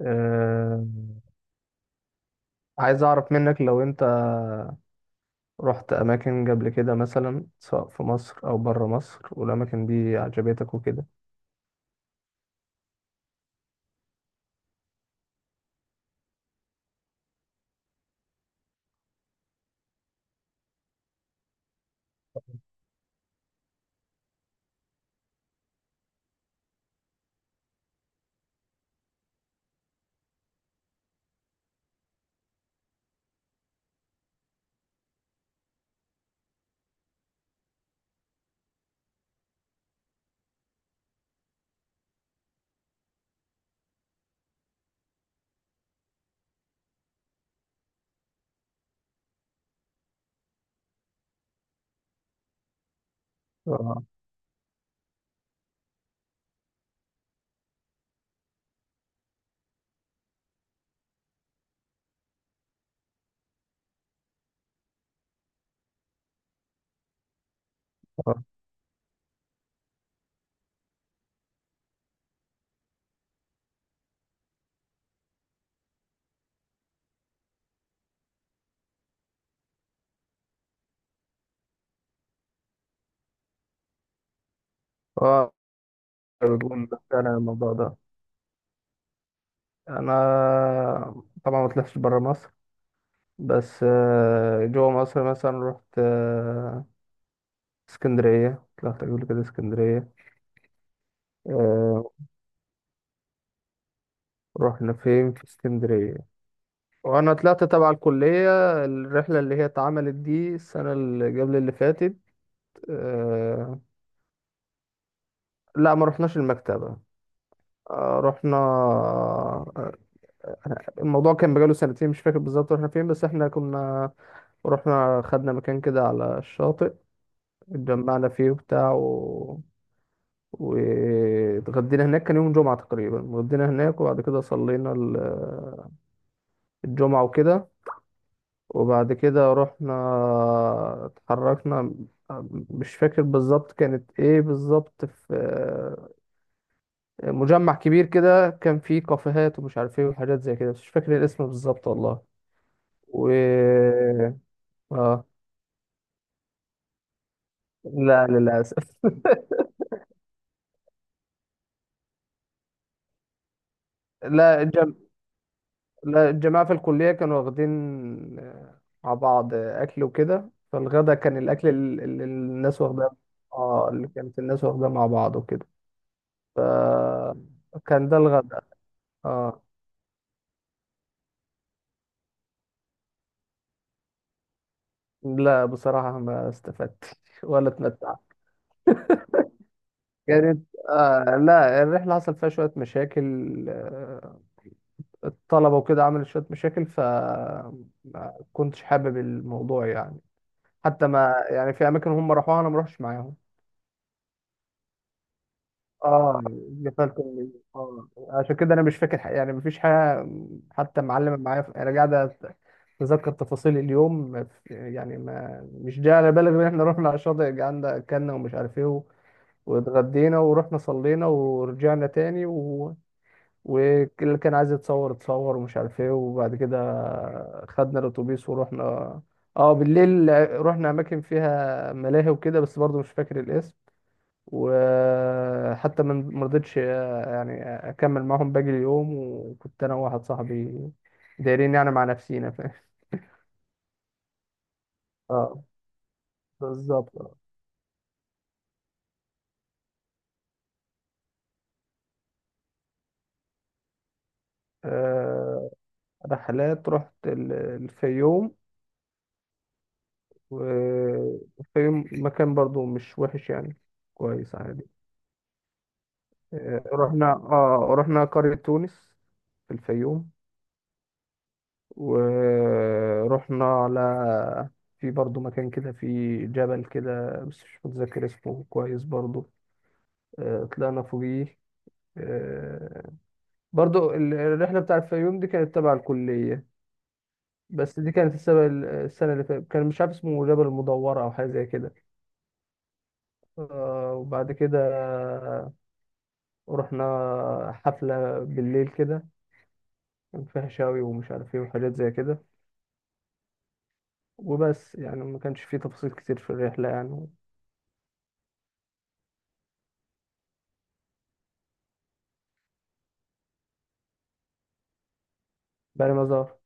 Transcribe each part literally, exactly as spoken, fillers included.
أه عايز أعرف منك لو أنت رحت أماكن قبل كده، مثلا سواء في مصر أو برا مصر، والأماكن دي عجبتك وكده؟ اه، اه، آه، بتقول. أنا الموضوع ده أنا طبعا ما طلعتش برا مصر، بس آه، جوا مصر مثلا رحت آه، اسكندرية، طلعت قبل كده اسكندرية. آه، رحنا فين في اسكندرية؟ وأنا طلعت تبع الكلية، الرحلة اللي هي اتعملت دي السنة اللي قبل اللي فاتت. آه، لا، ما رحناش المكتبة. آه، رحنا آه، الموضوع كان بقاله سنتين، مش فاكر بالظبط رحنا فين، بس احنا كنا رحنا خدنا مكان كده على الشاطئ، اتجمعنا فيه وبتاع و... واتغدينا هناك، كان يوم جمعة تقريبا، اتغدينا هناك وبعد كده صلينا ال- الجمعة وكده. وبعد كده رحنا، اتحركنا، مش فاكر بالظبط كانت ايه بالظبط. في مجمع كبير كده، كان فيه كافيهات ومش عارف ايه وحاجات زي كده، بس مش فاكر الاسم بالظبط والله. و اه لا، للأسف. لا الجم... لا، الجماعة في الكلية كانوا واخدين آه، مع بعض آه، أكل وكده، فالغدا كان الأكل ال- اللي الناس واخداه. اه، اللي كانت الناس واخداه مع بعض وكده، فكان ده الغدا. اه، لا بصراحة ما استفدتش ولا اتمتعت. كانت آه لا، الرحلة حصل فيها شوية مشاكل. آه، الطلبة وكده عملت شوية مشاكل، فما كنتش حابب الموضوع يعني. حتى ما يعني، في أماكن هم راحوها أنا ما روحش معاهم. اه، قفلت من- اه، عشان كده انا مش فاكر حاجة يعني، مفيش حاجه. حتى معلمه معايا، انا قاعد أت- اتذكر تفاصيل اليوم يعني. ما مش جاي على بالي غير ان احنا رحنا على الشاطئ، قعدنا اكلنا ومش عارف ايه و- واتغدينا ورحنا صلينا ورجعنا تاني و... واللي كان عايز يتصور اتصور ومش عارف ايه. وبعد كده خدنا الاتوبيس ورحنا، اه بالليل رحنا اماكن فيها ملاهي وكده، بس برضه مش فاكر الاسم. وحتى من مرضتش آه، يعني اكمل معاهم باقي اليوم، وكنت انا وواحد صاحبي دايرين يعني مع نفسينا، فاهم. اه بالظبط، اه. آه، رحلات، رحت ال- الفيوم، والفيوم مكان برضو مش وحش يعني، كويس عادي. آه، رحنا اه رحنا قرية تونس في الفيوم. ورحنا على، في برضو مكان كده، في جبل كده بس مش متذكر اسمه كويس برضو. آه، طلعنا فوقيه. آه، برضو ال- الرحلة بتاع الفيوم دي كانت تبع الكلية، بس دي كانت السنة، السنة اللي فاتت، كان مش عارف اسمه جبل المدورة أو حاجة زي كده. آه، وبعد كده رحنا حفلة بالليل كده، كان فيها شاوي ومش عارف ايه وحاجات زي كده. وبس، يعني ما كانش فيه تفاصيل كتير في الرحلة يعني. بقى مزار.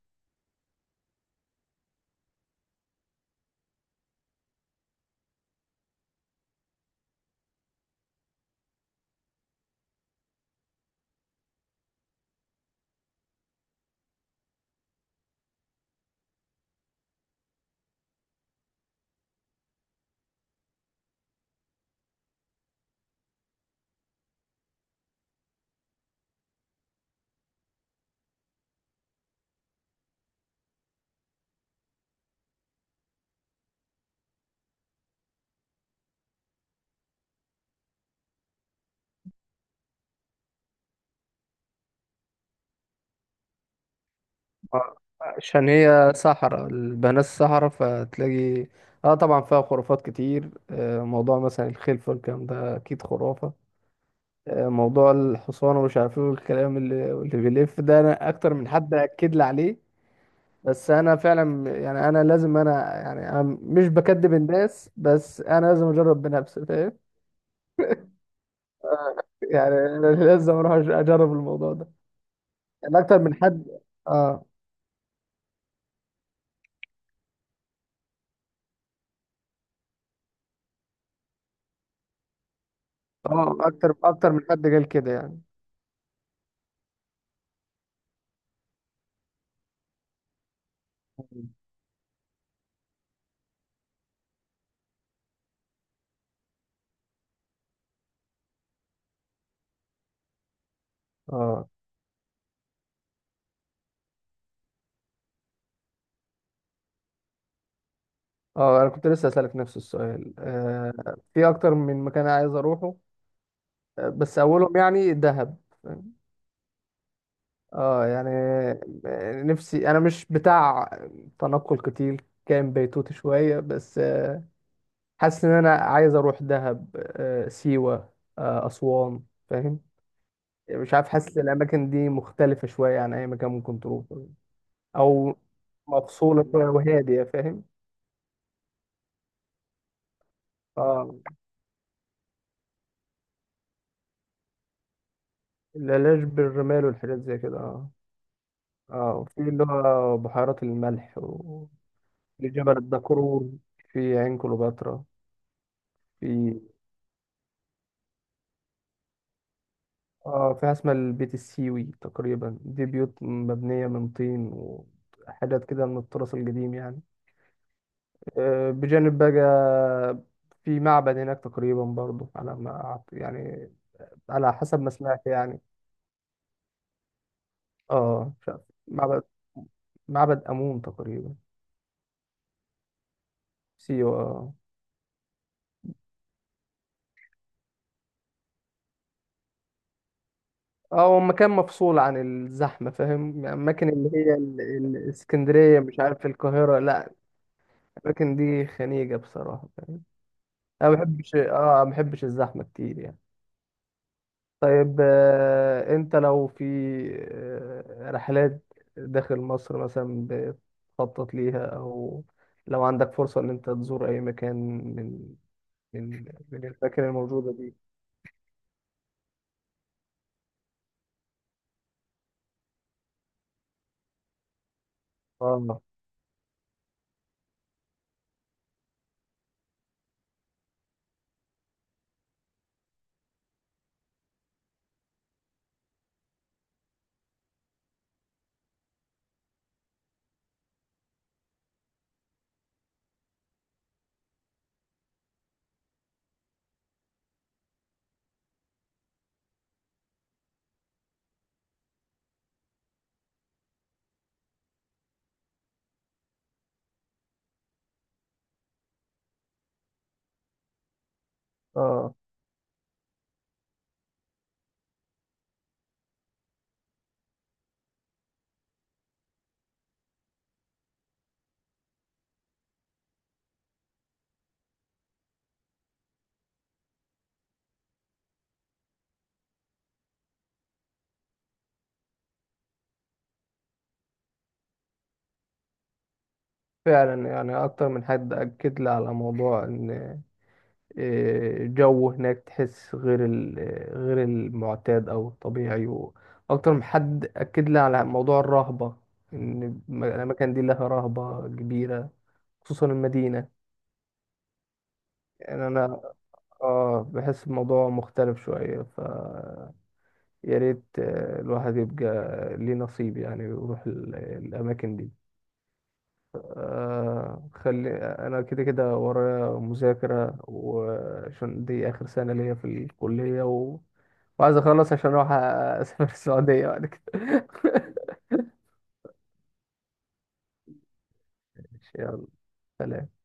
آه، عشان هي صحراء البنات، صحراء فتلاقي. اه طبعا فيها خرافات كتير. آه، موضوع مثلا الخلفة والكلام ده اكيد خرافة. آه، موضوع الحصان ومش عارف ايه والكلام اللي, اللي بيلف ده، انا اكتر من حد اكد لي عليه. بس انا فعلا يعني، انا لازم انا، يعني انا مش بكدب الناس، بس انا لازم اجرب بنفسي، فاهم. يعني أنا لازم اروح أج- اجرب الموضوع ده. يعني اكتر من حد. اه اه، اكتر اكتر من حد قال كده يعني. مم. اه، اه انا كنت لسه اسالك نفس السؤال، آه في اكتر من مكان عايز اروحه. آه، بس اولهم يعني دهب. اه يعني، آه، نفسي، انا مش بتاع تنقل كتير، كان بيتوتي شويه بس آه. حاسس ان انا عايز اروح دهب، آه سيوه، آه اسوان، فاهم. مش عارف، حاسس الاماكن دي مختلفه شويه عن اي مكان ممكن تروحه. او مفصوله شويه وهاديه، فاهم. اه، العلاج بالرمال والحاجات زي كده اه. اه، وفي اللي هو بحيرات الملح و- في جبل الدكرور، في عين كليوباترا. في اه في حاجة اسمها البيت السيوي تقريبا، دي بيوت مبنية من طين وحاجات كده من التراث القديم يعني. آه، بجانب بقى، في معبد هناك تقريبا برضه، على ما أعت- يعني على حسب ما سمعت يعني. اه مش عارف. معبد معبد أمون تقريبا. سيوة. اه هو مكان مفصول عن الزحمة، فاهم يعني الأماكن اللي هي ال- ال- الإسكندرية، مش عارف، القاهرة، لا. الأماكن دي خنيجة بصراحة فاهم؟ أنا ما بحبش اه ما بحبش الزحمة كتير يعني. طيب آه أنت لو في آه رحلات داخل مصر مثلا بتخطط ليها، أو لو عندك فرصة إن أنت تزور أي مكان من من من الأماكن الموجودة دي. اه، اه، فعلا يعني أكتر من حد أكد لي على موضوع إن آه، جو هناك تحس غير ال- آه، غير المعتاد او الطبيعي. واكتر من حد اكد لي على موضوع الرهبة، ان الم- الاماكن دي لها رهبة كبيرة، خصوصا المدينة. يعني انا اه بحس الموضوع مختلف شوية. ف يا ريت آه، الواحد يبقى ليه نصيب يعني، ويروح ال- الاماكن دي. آه خلي، انا كده كده ورايا مذاكرة، وعشان دي اخر سنة ليا في الكلية و... وعايز اخلص عشان اروح اسافر السعودية بعد كده. ماشي، يلا، سلام.